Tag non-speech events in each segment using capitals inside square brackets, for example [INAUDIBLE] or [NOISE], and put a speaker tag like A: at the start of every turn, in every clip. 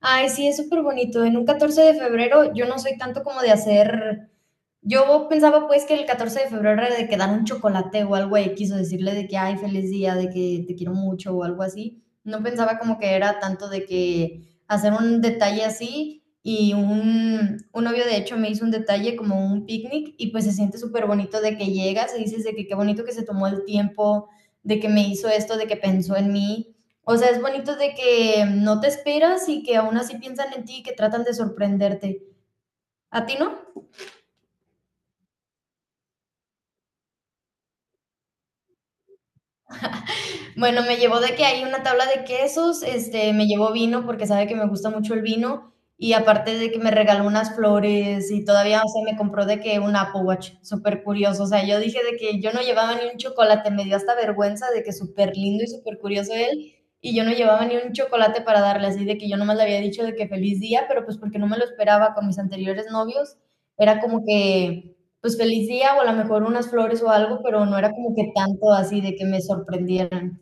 A: Ay, sí, es súper bonito. En un 14 de febrero yo no soy tanto como de hacer, yo pensaba pues que el 14 de febrero era de que dan un chocolate o algo X quiso decirle de que, ay, feliz día, de que te quiero mucho o algo así. No pensaba como que era tanto de que hacer un detalle así y un novio de hecho me hizo un detalle como un picnic y pues se siente súper bonito de que llegas y dices de que qué bonito que se tomó el tiempo, de que me hizo esto, de que pensó en mí. O sea, es bonito de que no te esperas y que aún así piensan en ti y que tratan de sorprenderte. ¿A ti no? Bueno, me llevó de que hay una tabla de quesos, este, me llevó vino porque sabe que me gusta mucho el vino y aparte de que me regaló unas flores y todavía, o sea, me compró de que un Apple Watch, súper curioso, o sea, yo dije de que yo no llevaba ni un chocolate, me dio hasta vergüenza de que súper lindo y súper curioso él y yo no llevaba ni un chocolate para darle, así de que yo nomás le había dicho de que feliz día, pero pues porque no me lo esperaba con mis anteriores novios, era como que pues feliz día o a lo mejor unas flores o algo, pero no era como que tanto así de que me sorprendieran.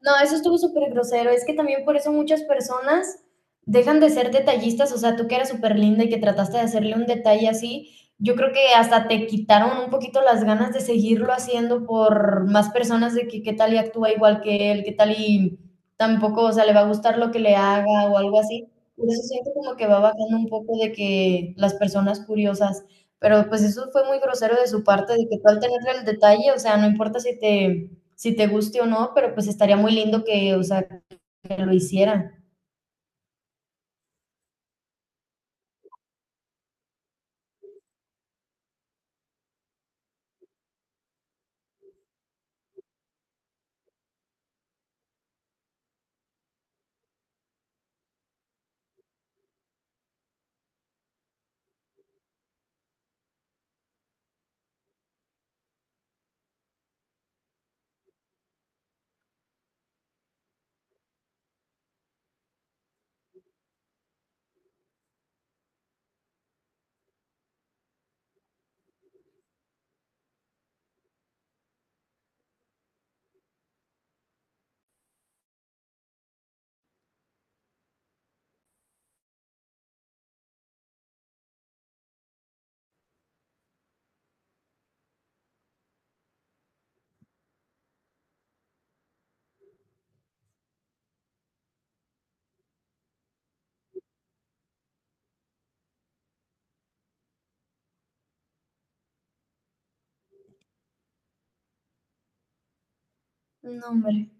A: No, eso estuvo súper grosero. Es que también por eso muchas personas dejan de ser detallistas. O sea, tú que eras súper linda y que trataste de hacerle un detalle así, yo creo que hasta te quitaron un poquito las ganas de seguirlo haciendo por más personas de que qué tal y actúa igual que él, qué tal y tampoco, o sea, le va a gustar lo que le haga o algo así. Por eso siento como que va bajando un poco de que las personas curiosas, pero pues eso fue muy grosero de su parte, de que tú al tener el detalle, o sea, no importa si te, si te guste o no, pero pues estaría muy lindo que, o sea, que lo hicieran. No, hombre.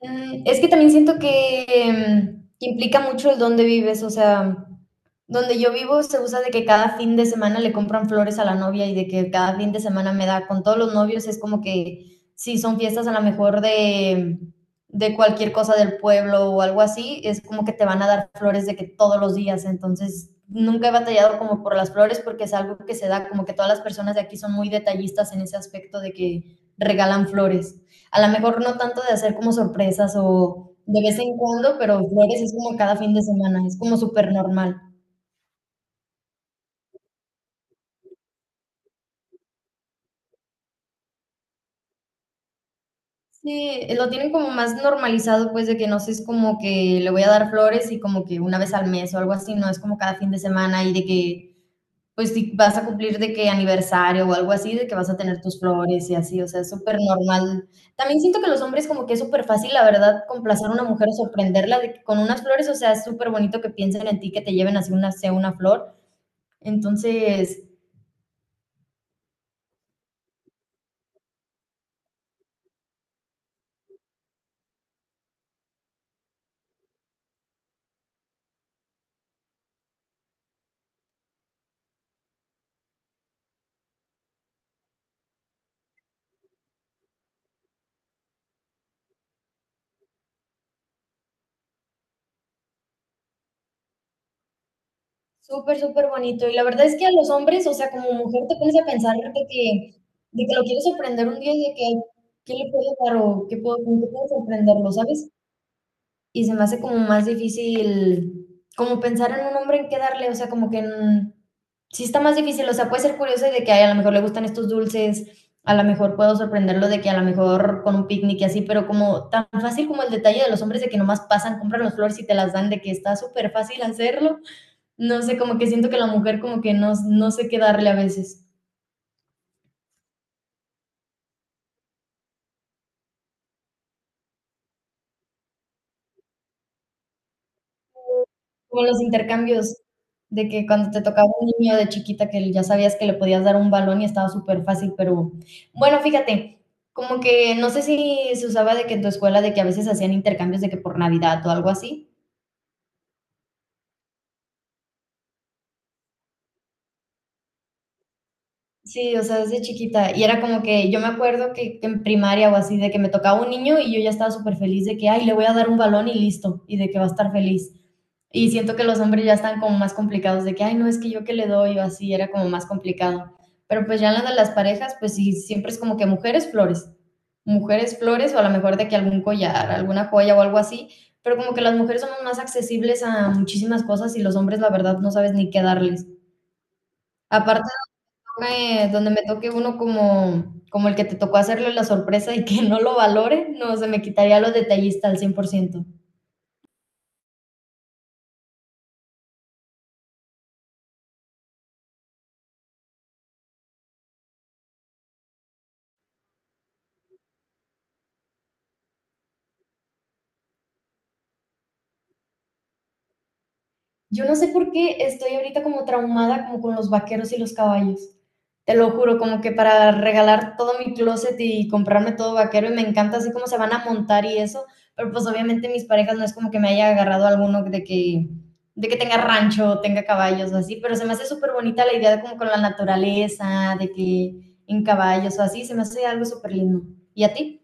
A: Mm, es que también siento que, que implica mucho el dónde vives, o sea, donde yo vivo se usa de que cada fin de semana le compran flores a la novia y de que cada fin de semana me da con todos los novios, es como que si son fiestas a lo mejor de cualquier cosa del pueblo o algo así, es como que te van a dar flores de que todos los días, entonces nunca he batallado como por las flores porque es algo que se da, como que todas las personas de aquí son muy detallistas en ese aspecto de que regalan flores. A lo mejor no tanto de hacer como sorpresas o de vez en cuando, pero flores es como cada fin de semana, es como súper normal. Sí, lo tienen como más normalizado, pues, de que no sé, es como que le voy a dar flores y como que una vez al mes o algo así, no es como cada fin de semana y de que, pues, si vas a cumplir de que aniversario o algo así, de que vas a tener tus flores y así, o sea, es súper normal. También siento que los hombres como que es súper fácil, la verdad, complacer a una mujer o sorprenderla de que con unas flores, o sea, es súper bonito que piensen en ti, que te lleven así una, sea una flor. Entonces, súper, súper bonito. Y la verdad es que a los hombres, o sea, como mujer te pones a pensar de que lo quieres sorprender un día y de que, ¿qué le puedo dar o qué puedo, con qué puedo sorprenderlo, sabes? Y se me hace como más difícil, como pensar en un hombre en qué darle, o sea, como que mm, sí está más difícil, o sea, puede ser curioso de que ay, a lo mejor le gustan estos dulces, a lo mejor puedo sorprenderlo de que a lo mejor con un picnic y así, pero como tan fácil como el detalle de los hombres de que nomás pasan, compran las flores y te las dan, de que está súper fácil hacerlo. No sé, como que siento que la mujer como que no sé qué darle a veces. Como los intercambios, de que cuando te tocaba un niño de chiquita que ya sabías que le podías dar un balón y estaba súper fácil pero bueno, fíjate, como que no sé si se usaba de que en tu escuela de que a veces hacían intercambios de que por Navidad o algo así. Sí, o sea, desde chiquita. Y era como que yo me acuerdo que en primaria o así, de que me tocaba un niño y yo ya estaba súper feliz de que, ay, le voy a dar un balón y listo, y de que va a estar feliz. Y siento que los hombres ya están como más complicados de que, ay, no, es que yo que le doy o así, era como más complicado. Pero pues ya en la de las parejas, pues sí, siempre es como que mujeres flores o a lo mejor de que algún collar, alguna joya o algo así, pero como que las mujeres somos más accesibles a muchísimas cosas y los hombres la verdad no sabes ni qué darles. Aparte toque, donde me toque uno como, como el que te tocó hacerle la sorpresa y que [LAUGHS] no lo valore, no, se me quitaría los detallistas al 100%. Yo no sé por qué estoy ahorita como traumada como con los vaqueros y los caballos. Te lo juro, como que para regalar todo mi closet y comprarme todo vaquero y me encanta así como se van a montar y eso, pero pues obviamente mis parejas no es como que me haya agarrado alguno de que tenga rancho, o tenga caballos o así, pero se me hace súper bonita la idea de como con la naturaleza, de que en caballos o así, se me hace algo súper lindo. ¿Y a ti?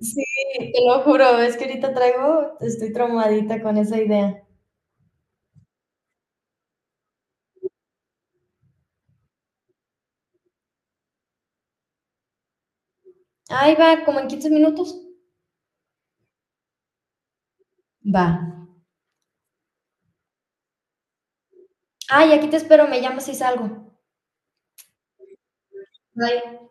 A: Sí, te lo juro, es que ahorita traigo, estoy traumadita con esa idea. Ahí va, como en 15 minutos. Va. Ay, aquí te espero, me llamas si salgo. Bye.